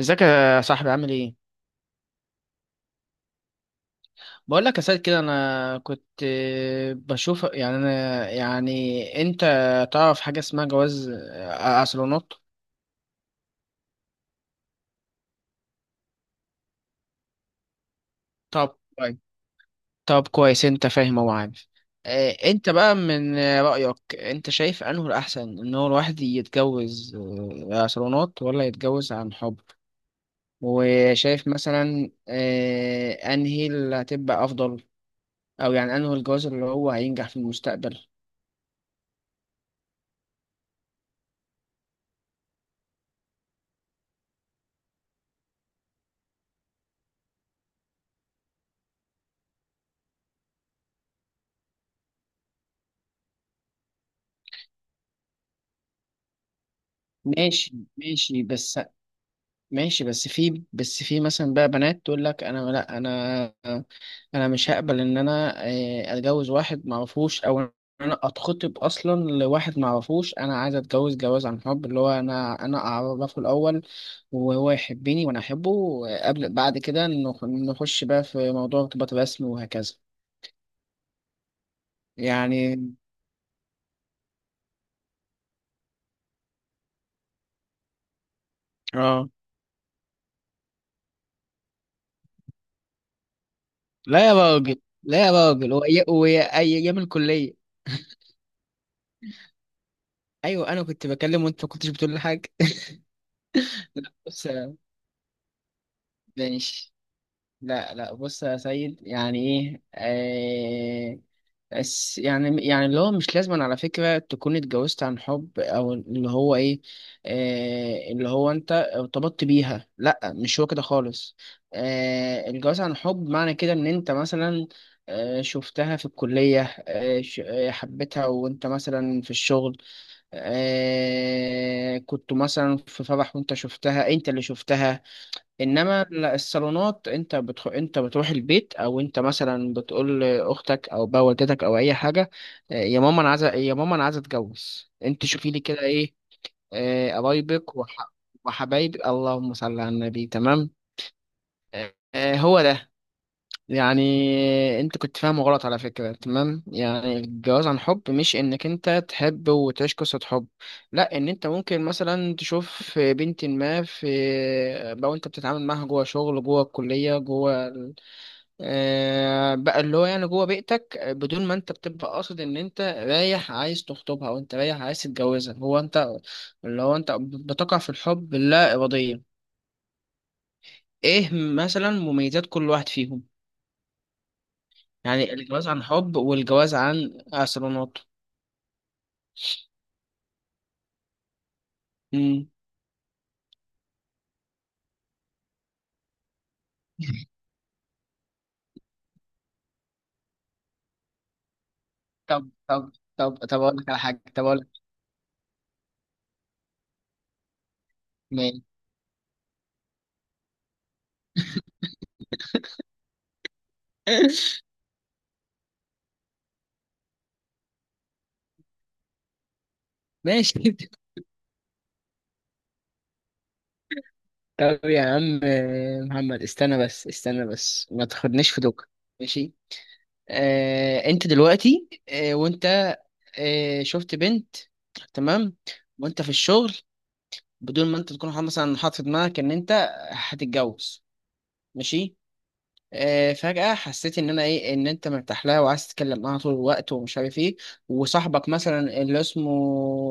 ازيك يا صاحبي، عامل ايه؟ بقول لك يا سيد كده انا كنت بشوف يعني انا، يعني انت تعرف حاجه اسمها جواز اصالونات؟ طب كويس. طب كويس، انت فاهم، هو عارف. انت بقى من رايك، انت شايف انه الاحسن ان هو الواحد يتجوز اصالونات ولا يتجوز عن حب؟ وشايف مثلا انهي اللي هتبقى افضل؟ او يعني انه الجواز اللي هو هينجح في المستقبل؟ ماشي. ماشي بس. ماشي بس في، مثلا بقى بنات تقول لك: انا لا، انا مش هقبل ان انا اتجوز واحد ما اعرفوش، او إن انا اتخطب اصلا لواحد ما اعرفوش، انا عايز اتجوز جواز عن حب، اللي هو انا اعرفه الاول وهو يحبني وانا احبه. قبل، بعد كده نخش بقى في موضوع ارتباط رسمي وهكذا. يعني اه. لا يا راجل، لا يا راجل، ايام الكلية ايوه انا كنت بكلم وانت ما كنتش بتقول لي حاجة بس ماشي. لا لا بص يا سيد، يعني ايه بس، يعني، يعني اللي هو مش لازم على فكرة تكون اتجوزت عن حب، او اللي هو ايه، اللي هو انت ارتبطت بيها. لا، مش هو كده خالص. الجواز عن حب معنى كده ان انت مثلا شفتها في الكلية، حبيتها وانت مثلا في الشغل، كنت مثلا في فرح وانت شفتها، انت اللي شفتها. انما الصالونات انت انت بتروح البيت، او انت مثلا بتقول لاختك او بقى والدتك او اي حاجه: يا ماما انا عايزه، يا ماما انا عايزه اتجوز، انت شوفي لي كده ايه قرايبك وحبايبي. اللهم صل على النبي. تمام. هو ده يعني. انت كنت فاهمه غلط على فكرة، تمام؟ يعني الجواز عن حب مش انك انت تحب وتعيش قصة حب، لا، ان انت ممكن مثلا تشوف بنت ما، في لو انت بتتعامل معاها جوه شغل، جوه الكلية، جوه بقى اللي هو يعني جوه بيئتك بدون ما انت بتبقى قاصد ان انت رايح عايز تخطبها او انت رايح عايز تتجوزها، هو انت اللي هو انت بتقع في الحب اللا ارادية. ايه مثلا مميزات كل واحد فيهم؟ يعني الجواز عن حب والجواز عن استرونوت. امم طب طب. طب طب اقول لك على حاجه، طب اقول لك ماشي ماشي طب يا عم محمد، استنى بس، استنى بس، ما تاخدنيش في دوكا. ماشي. انت دلوقتي وانت شفت بنت، تمام، وانت في الشغل، بدون ما انت تكون مثلا حاطط في دماغك ان انت هتتجوز. ماشي. فجأة حسيت إن أنا إيه، إن أنت مرتاح لها وعايز تتكلم معاها طول الوقت ومش عارف إيه، وصاحبك مثلا اللي اسمه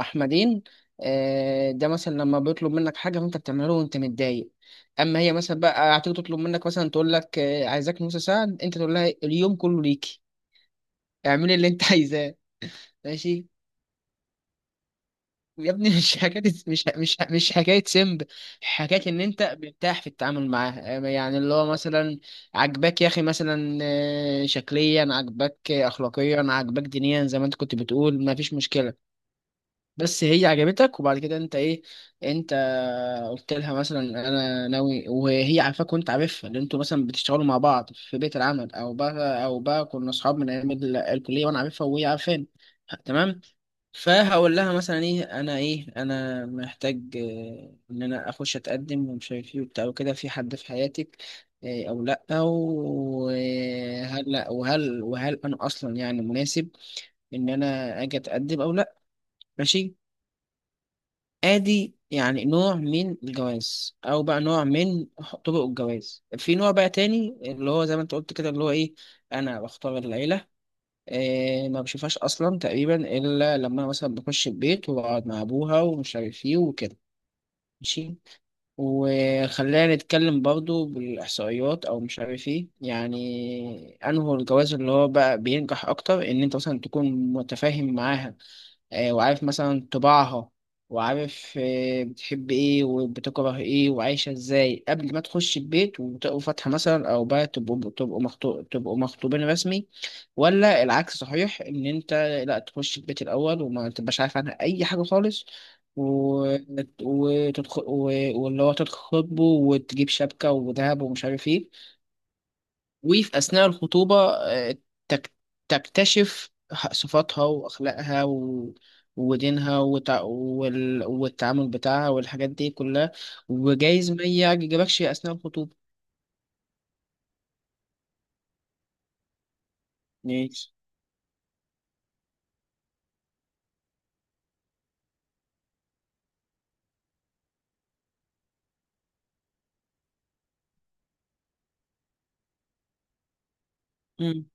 أحمدين ده مثلا لما بيطلب منك حاجة فأنت بتعمله له وأنت متضايق، أما هي مثلا بقى هتيجي تطلب منك مثلا تقول لك عايزاك نص ساعة، أنت تقول لها اليوم كله ليكي، اعملي اللي أنت عايزاه. ماشي يا ابني، مش حكاية مش حكاية سمب، حكاية إن أنت مرتاح في التعامل معاه، يعني اللي هو مثلا عجباك يا أخي، مثلا شكليا عجباك، أخلاقيا عجباك، دينيا زي ما أنت كنت بتقول، مفيش مشكلة. بس هي عجبتك، وبعد كده أنت إيه، أنت قلت لها مثلا: أنا ناوي، وهي عارفاك وأنت عارفها، اللي أنتوا مثلا بتشتغلوا مع بعض في بيت العمل، أو بقى، كنا أصحاب من أيام الكلية وأنا عارفها وهي عارفاني، تمام. فهقول لها مثلا ايه، انا ايه، انا محتاج ان انا اخش اتقدم ومش عارف ايه وبتاع وكده، في حد في حياتك او لا؟ وهل، لا وهل، انا اصلا يعني مناسب ان انا اجي اتقدم او لا؟ ماشي. ادي يعني نوع من الجواز او بقى نوع من طرق الجواز. في نوع بقى تاني اللي هو زي ما انت قلت كده، اللي هو ايه، انا بختار العيلة، إيه ما بشوفهاش اصلا تقريبا الا لما انا مثلا بخش البيت واقعد مع ابوها ومش عارف ايه وكده. ماشي. وخلينا نتكلم برضو بالاحصائيات او مش عارف ايه، يعني انه الجواز اللي هو بقى بينجح اكتر ان انت مثلا تكون متفاهم معاها، وعارف مثلا طباعها، وعارف بتحب ايه وبتكره ايه وعايشة ازاي، قبل ما تخش البيت وتقروا فاتحة مثلا، او بقى تبقوا مخطوبين رسمي، ولا العكس صحيح ان انت لا تخش البيت الاول وما تبقاش عارف عنها اي حاجة خالص، و... وتدخل و... واللي هو تتخطبه وتجيب شبكة وذهب ومش عارف ايه. وفي أثناء الخطوبة تك- تكتشف صفاتها وأخلاقها و... ودينها وتع... وال... والتعامل بتاعها والحاجات دي كلها. وجايز ما يعجبكش أثناء الخطوبة. ماشي. مم.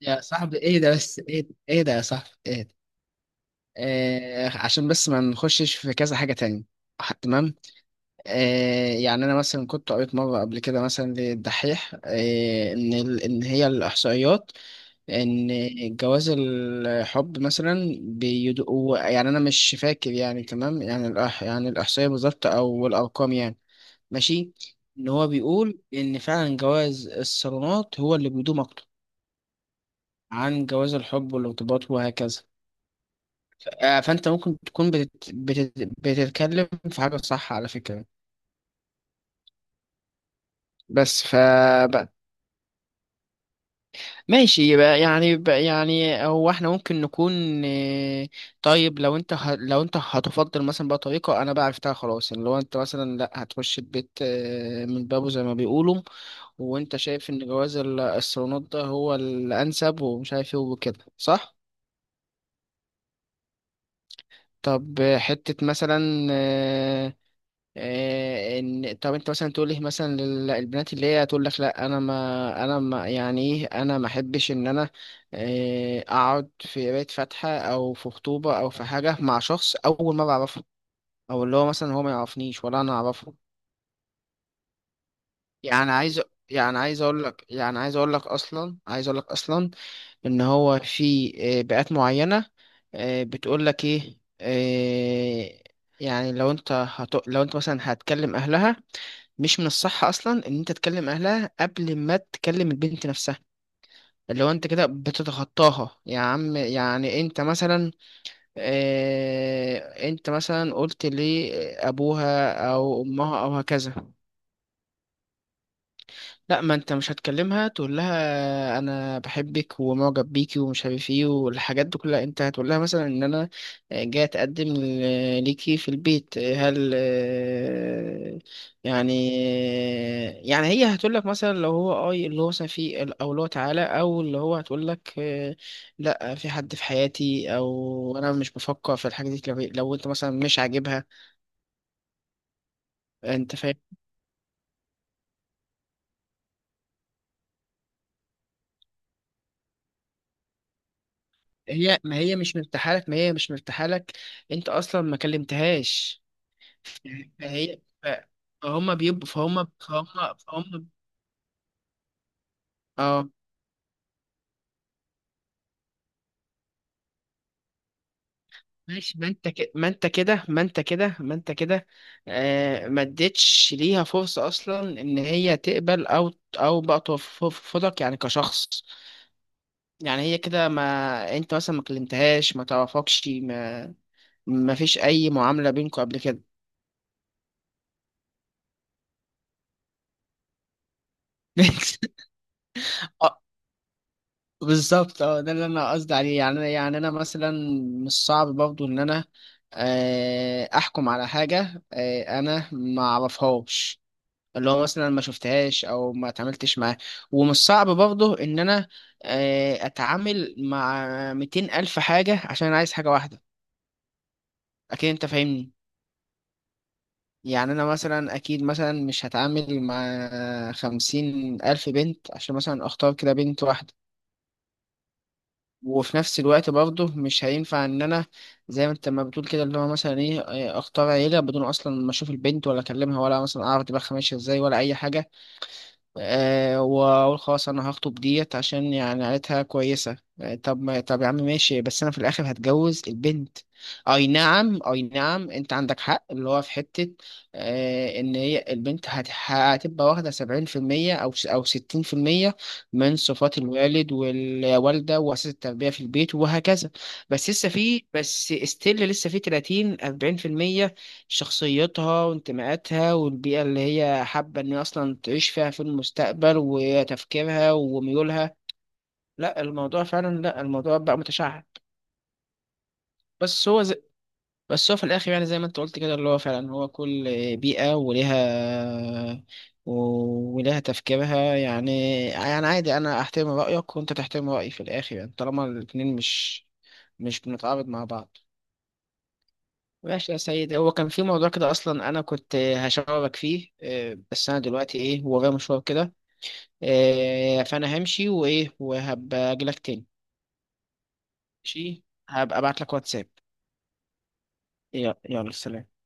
يا صاحبي إيه ده، بس إيه ده، إيه ده يا صاحبي إيه ده. عشان بس ما نخشش في كذا حاجة تانية. تمام. يعني أنا مثلا كنت قريت مرة قبل كده مثلا للدحيح إن إن هي الإحصائيات ان جواز الحب مثلا بيدقوا يعني، انا مش فاكر يعني، تمام يعني، يعني الاحصائيه بالظبط او الارقام يعني. ماشي. ان هو بيقول ان فعلا جواز الصالونات هو اللي بيدوم اكتر عن جواز الحب والارتباط وهكذا. فانت ممكن تكون بتتكلم في حاجه صح على فكره. بس ف ماشي. يبقى يعني بقى يعني، هو احنا ممكن نكون آه، طيب، لو انت لو انت هتفضل مثلا بقى، طريقة انا بقى عرفتها خلاص، يعني لو انت مثلا لا هتخش البيت من بابه زي ما بيقولوا، وانت شايف ان جواز الصالونات ده هو الانسب ومش عارف ايه وكده، صح؟ طب حتة مثلا ان، طب انت مثلا تقول لي مثلا البنات اللي هي تقول لك: لا انا ما، يعني ايه، انا ما احبش ان انا اقعد في بيت فاتحه او في خطوبه او في حاجه مع شخص اول ما بعرفه، او اللي هو مثلا هو ما يعرفنيش ولا انا اعرفه. يعني عايز، يعني عايز اقول لك يعني عايز اقول لك اصلا عايز اقول لك اصلا ان هو في بيئات معينه بتقول لك ايه يعني لو انت لو انت مثلا هتكلم اهلها، مش من الصح اصلا ان انت تكلم اهلها قبل ما تكلم البنت نفسها، اللي هو انت كده بتتخطاها يا عم. يعني انت مثلا اه، انت مثلا قلت لابوها او امها او هكذا. لا، ما انت مش هتكلمها تقول لها انا بحبك ومعجب بيكي ومش عارف ايه والحاجات دي كلها، انت هتقول لها مثلا ان انا جاي اتقدم ليكي في البيت، هل يعني، يعني هي هتقول لك مثلا لو هو اه اللي هو مثلا في او اللي هو تعالى او اللي هو هتقول لك لا، في حد في حياتي، او انا مش بفكر في الحاجه دي، لو، انت مثلا مش عاجبها. انت فاهم؟ هي ما هي مش مرتاحه لك، انت اصلا ما كلمتهاش. فهي فهم بيبقوا فهم، فهم، اه. ماشي ما انت كده ما انت كده. ما اديتش ليها فرصه اصلا ان هي تقبل او، او بقى ترفضك، يعني كشخص. يعني هي كده ما، انت مثلا ما كلمتهاش، ما تعرفكش، ما، ما فيش اي معامله بينكم قبل كده بالظبط. اه ده اللي انا قصدي عليه. يعني يعني انا مثلا مش صعب برضو ان انا احكم على حاجه انا ما اعرفهاش، اللي هو مثلا ما شفتهاش او ما اتعاملتش معاها، ومش صعب برضو ان انا اتعامل مع 200 الف حاجه عشان أنا عايز حاجه واحده. اكيد انت فاهمني. يعني انا مثلا اكيد مثلا مش هتعامل مع 50,000 بنت عشان مثلا اختار كده بنت واحده، وفي نفس الوقت برضه مش هينفع ان انا زي ما انت ما بتقول كده، اللي هو مثلا ايه اختار عيله بدون اصلا ما اشوف البنت ولا اكلمها ولا مثلا اعرف دماغها ماشيه ازاي ولا اي حاجه، واقول خلاص انا هخطب ديت عشان يعني عيلتها كويسه. طب ما طب يا عم ماشي، بس انا في الاخر هتجوز البنت. اي نعم، اي نعم، انت عندك حق اللي هو في حته ان هي البنت هتبقى واخده 70%، او او 60% من صفات الوالد والوالده واساس التربيه في البيت وهكذا. بس لسه في، بس استيل لسه في 30-40% شخصيتها وانتماءاتها والبيئة اللي هي حابة إن هي أصلا تعيش فيها في المستقبل وتفكيرها وميولها. لا الموضوع فعلا، لا الموضوع بقى متشعب. بس هو زي، بس هو في الآخر يعني زي ما أنت قلت كده اللي هو فعلا، هو كل بيئة ولها، تفكيرها، يعني. يعني عادي، أنا أحترم رأيك وأنت تحترم رأيي في الآخر، يعني طالما الاتنين مش، مش بنتعارض مع بعض. ماشي يا سيد، هو كان في موضوع كده اصلا انا كنت هشاورك فيه بس انا دلوقتي ايه ورايا مشوار كده، فانا همشي وايه وهبقى اجي لك تاني. ماشي، هبقى ابعت لك واتساب. يلا يلا سلام.